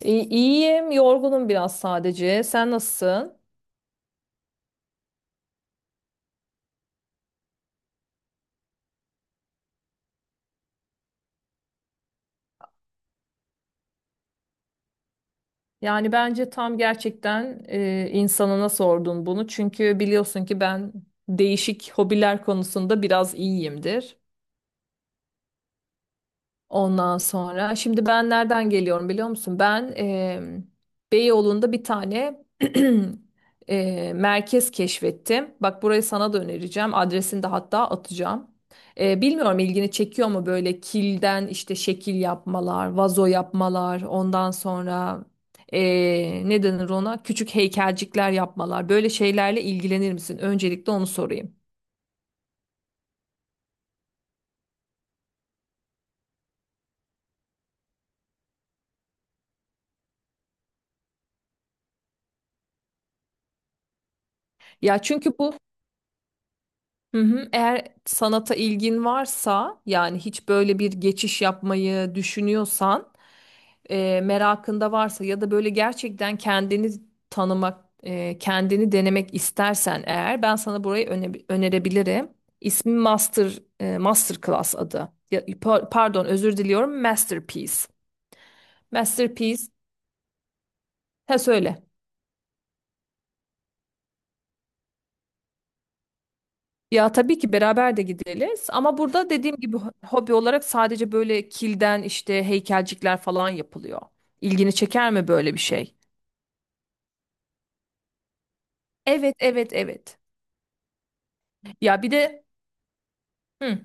İyiyim, yorgunum biraz sadece. Sen nasılsın? Yani bence tam gerçekten insanına sordun bunu. Çünkü biliyorsun ki ben değişik hobiler konusunda biraz iyiyimdir. Ondan sonra şimdi ben nereden geliyorum biliyor musun? Ben Beyoğlu'nda bir tane merkez keşfettim. Bak burayı sana da önereceğim. Adresini de hatta atacağım. Bilmiyorum ilgini çekiyor mu böyle kilden işte şekil yapmalar, vazo yapmalar, ondan sonra ne denir ona? Küçük heykelcikler yapmalar. Böyle şeylerle ilgilenir misin? Öncelikle onu sorayım. Ya çünkü bu Hı hı. Eğer sanata ilgin varsa yani hiç böyle bir geçiş yapmayı düşünüyorsan merakında varsa ya da böyle gerçekten kendini tanımak kendini denemek istersen eğer ben sana burayı önerebilirim. İsmi Masterclass adı. Ya, pardon özür diliyorum Masterpiece. Masterpiece. Ha söyle. Ya tabii ki beraber de gideriz ama burada dediğim gibi hobi olarak sadece böyle kilden işte heykelcikler falan yapılıyor. İlgini çeker mi böyle bir şey? Evet, evet, evet. Ya bir de hı.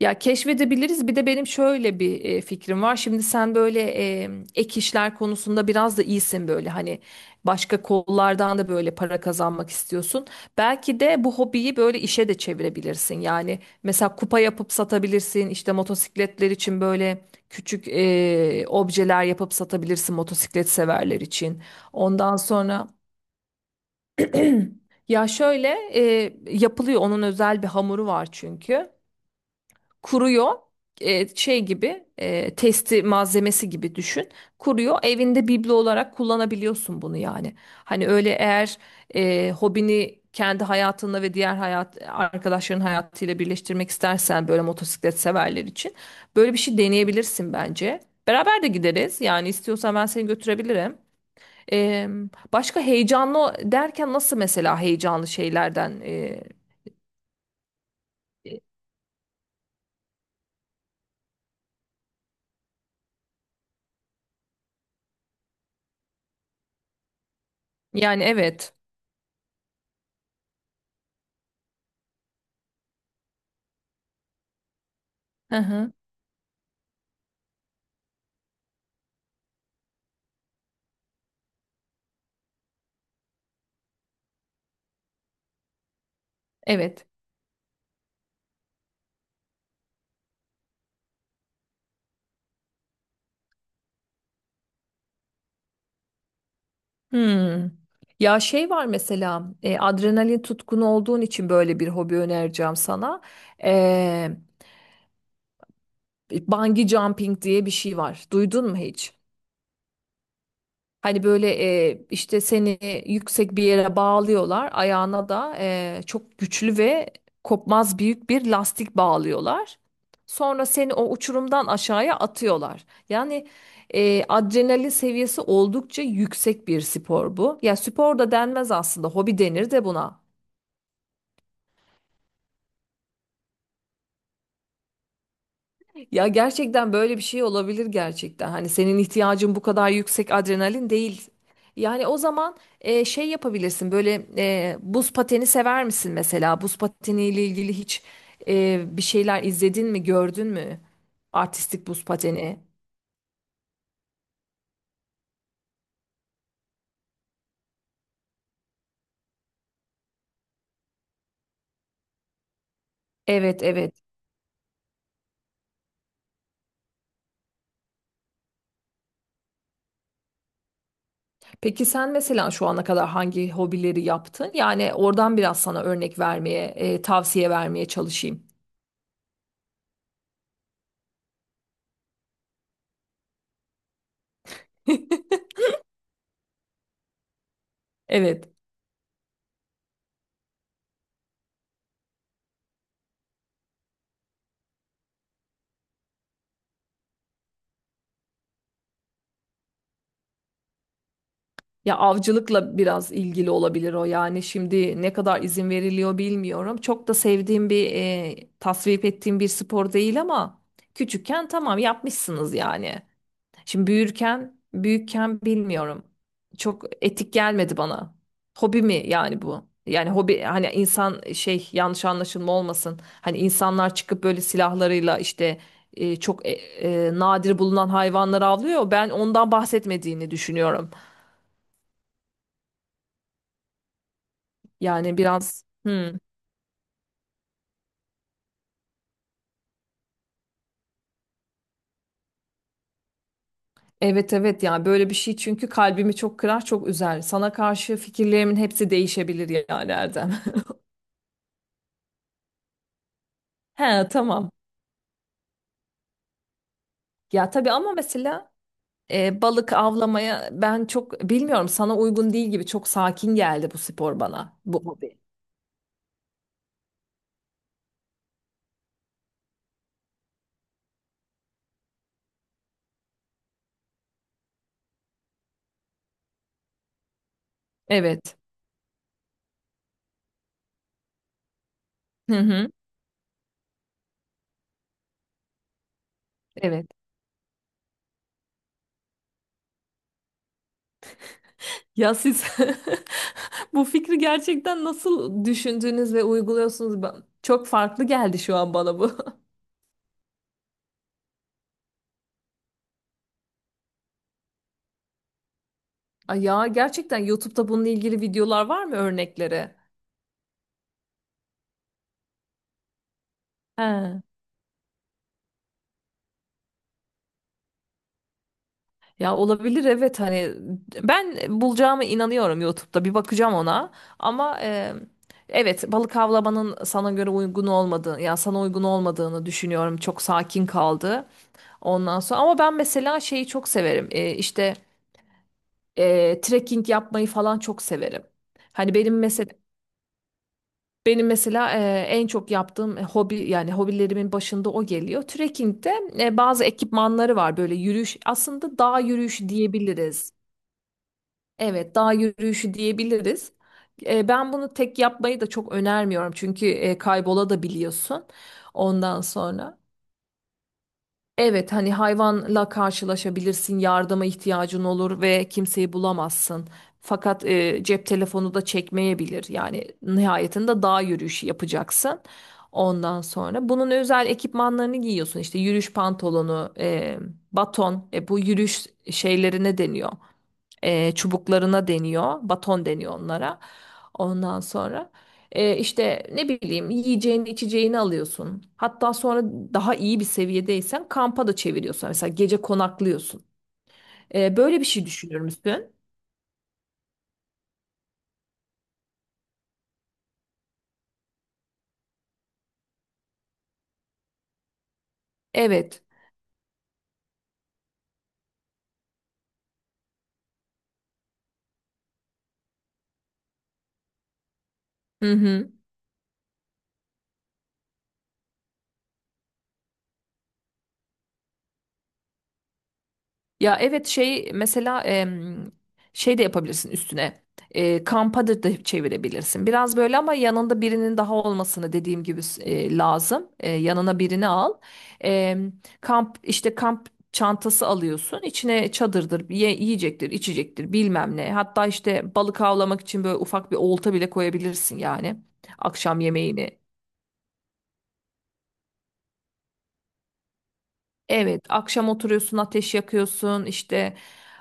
Ya keşfedebiliriz. Bir de benim şöyle bir fikrim var. Şimdi sen böyle e, ek işler konusunda biraz da iyisin böyle hani başka kollardan da böyle para kazanmak istiyorsun. Belki de bu hobiyi böyle işe de çevirebilirsin. Yani mesela kupa yapıp satabilirsin. İşte motosikletler için böyle küçük objeler yapıp satabilirsin motosiklet severler için. Ondan sonra ya şöyle e, Yapılıyor. Onun özel bir hamuru var çünkü kuruyor şey gibi testi malzemesi gibi düşün, kuruyor, evinde biblo olarak kullanabiliyorsun bunu. Yani hani öyle, eğer hobini kendi hayatınla ve diğer hayat arkadaşların hayatıyla birleştirmek istersen, böyle motosiklet severler için böyle bir şey deneyebilirsin bence. Beraber de gideriz yani, istiyorsan ben seni götürebilirim. E, Başka heyecanlı derken nasıl mesela, heyecanlı şeylerden e, yani evet. Hı hı. Evet. Hmm. Ya şey var mesela, adrenalin tutkunu olduğun için böyle bir hobi önereceğim sana. E, Bungee jumping diye bir şey var. Duydun mu hiç? Hani böyle işte seni yüksek bir yere bağlıyorlar. Ayağına da çok güçlü ve kopmaz büyük bir lastik bağlıyorlar. Sonra seni o uçurumdan aşağıya atıyorlar. Yani adrenalin seviyesi oldukça yüksek bir spor bu. Ya spor da denmez aslında, hobi denir de buna. Ya gerçekten böyle bir şey olabilir gerçekten. Hani senin ihtiyacın bu kadar yüksek adrenalin değil. Yani o zaman şey yapabilirsin. Böyle buz pateni sever misin mesela? Buz pateniyle ilgili hiç bir şeyler izledin mi, gördün mü? Artistik buz pateni. Evet, evet. Peki sen mesela şu ana kadar hangi hobileri yaptın? Yani oradan biraz sana örnek vermeye, tavsiye vermeye çalışayım. Evet. Ya avcılıkla biraz ilgili olabilir o. Yani şimdi ne kadar izin veriliyor bilmiyorum. Çok da sevdiğim bir, tasvip ettiğim bir spor değil ama küçükken tamam, yapmışsınız yani. Şimdi büyürken, büyükken bilmiyorum. Çok etik gelmedi bana. Hobi mi yani bu? Yani hobi, hani insan, şey, yanlış anlaşılma olmasın. Hani insanlar çıkıp böyle silahlarıyla işte çok nadir bulunan hayvanları avlıyor. Ben ondan bahsetmediğini düşünüyorum. Yani biraz, hmm, evet evet, ya böyle bir şey, çünkü kalbimi çok kırar, çok üzer. Sana karşı fikirlerimin hepsi değişebilir yani Erdem. He tamam. Ya tabii, ama mesela balık avlamaya ben çok bilmiyorum, sana uygun değil gibi. Çok sakin geldi bu spor bana. Bu hobi. Evet. Hı hı. Evet. Ya siz bu fikri gerçekten nasıl düşündüğünüz ve uyguluyorsunuz? Çok farklı geldi şu an bana bu. Ay, ya gerçekten YouTube'da bununla ilgili videolar var mı, örnekleri? He. Ya olabilir, evet, hani ben bulacağıma inanıyorum YouTube'da, bir bakacağım ona, ama evet, balık avlamanın sana göre uygun olmadığını, ya sana uygun olmadığını düşünüyorum. Çok sakin kaldı ondan sonra. Ama ben mesela şeyi çok severim. İşte trekking yapmayı falan çok severim. Hani benim mesela, benim mesela en çok yaptığım hobi, yani hobilerimin başında o geliyor. Trekking'de bazı ekipmanları var, böyle yürüyüş, aslında dağ yürüyüşü diyebiliriz. Evet, dağ yürüyüşü diyebiliriz. Ben bunu tek yapmayı da çok önermiyorum çünkü kaybola da biliyorsun ondan sonra. Evet hani hayvanla karşılaşabilirsin, yardıma ihtiyacın olur ve kimseyi bulamazsın. Fakat cep telefonu da çekmeyebilir. Yani nihayetinde dağ yürüyüşü yapacaksın. Ondan sonra bunun özel ekipmanlarını giyiyorsun. İşte yürüyüş pantolonu, baton, bu yürüyüş şeyleri ne deniyor? Çubuklarına deniyor. Baton deniyor onlara. Ondan sonra işte ne bileyim, yiyeceğini içeceğini alıyorsun. Hatta sonra daha iyi bir seviyedeysen kampa da çeviriyorsun. Mesela gece konaklıyorsun. Böyle bir şey düşünür müsün? Evet. Hı hı. Ya evet, şey mesela, şey de yapabilirsin üstüne. Kampa da çevirebilirsin. Biraz böyle, ama yanında birinin daha olmasını, dediğim gibi, lazım. Yanına birini al. Em, kamp işte kamp çantası alıyorsun. İçine çadırdır, yiyecektir, içecektir, bilmem ne. Hatta işte balık avlamak için böyle ufak bir olta bile koyabilirsin yani. Akşam yemeğini. Evet, akşam oturuyorsun, ateş yakıyorsun, işte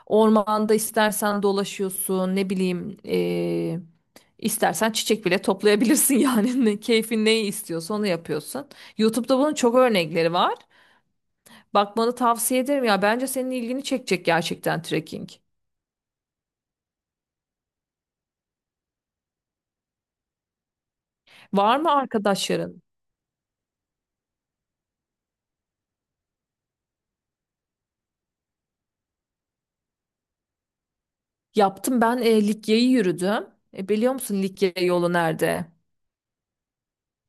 ormanda istersen dolaşıyorsun, ne bileyim, istersen çiçek bile toplayabilirsin yani. Keyfin neyi istiyorsa onu yapıyorsun. YouTube'da bunun çok örnekleri var. Bakmanı tavsiye ederim ya. Bence senin ilgini çekecek gerçekten trekking. Var mı arkadaşların? Yaptım ben, Likya'yı yürüdüm. Biliyor musun Likya yolu nerede?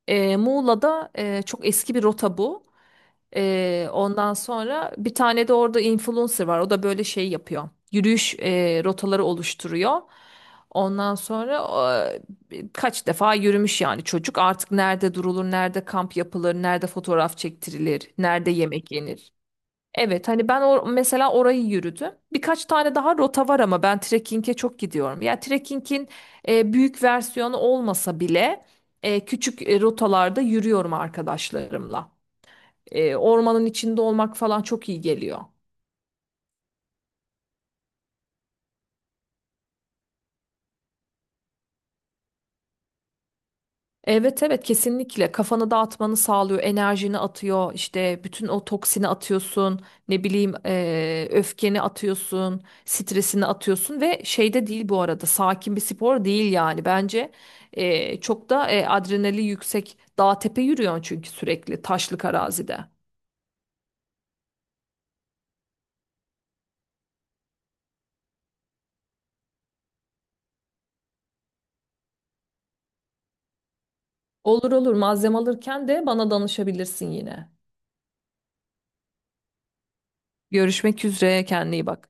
Muğla'da, çok eski bir rota bu. Ondan sonra bir tane de orada influencer var. O da böyle şey yapıyor, yürüyüş rotaları oluşturuyor. Ondan sonra kaç defa yürümüş yani çocuk. Artık nerede durulur, nerede kamp yapılır, nerede fotoğraf çektirilir, nerede yemek yenir. Evet, hani ben mesela orayı yürüdüm. Birkaç tane daha rota var ama ben trekking'e çok gidiyorum. Yani trekking'in büyük versiyonu olmasa bile küçük rotalarda yürüyorum arkadaşlarımla. Ormanın içinde olmak falan çok iyi geliyor. Evet evet, kesinlikle kafanı dağıtmanı sağlıyor, enerjini atıyor, işte bütün o toksini atıyorsun, ne bileyim, öfkeni atıyorsun, stresini atıyorsun. Ve şeyde değil bu arada, sakin bir spor değil yani bence. Çok da adrenali yüksek, dağ tepe yürüyorsun çünkü, sürekli taşlık arazide. Olur olur, malzeme alırken de bana danışabilirsin yine. Görüşmek üzere, kendine iyi bak.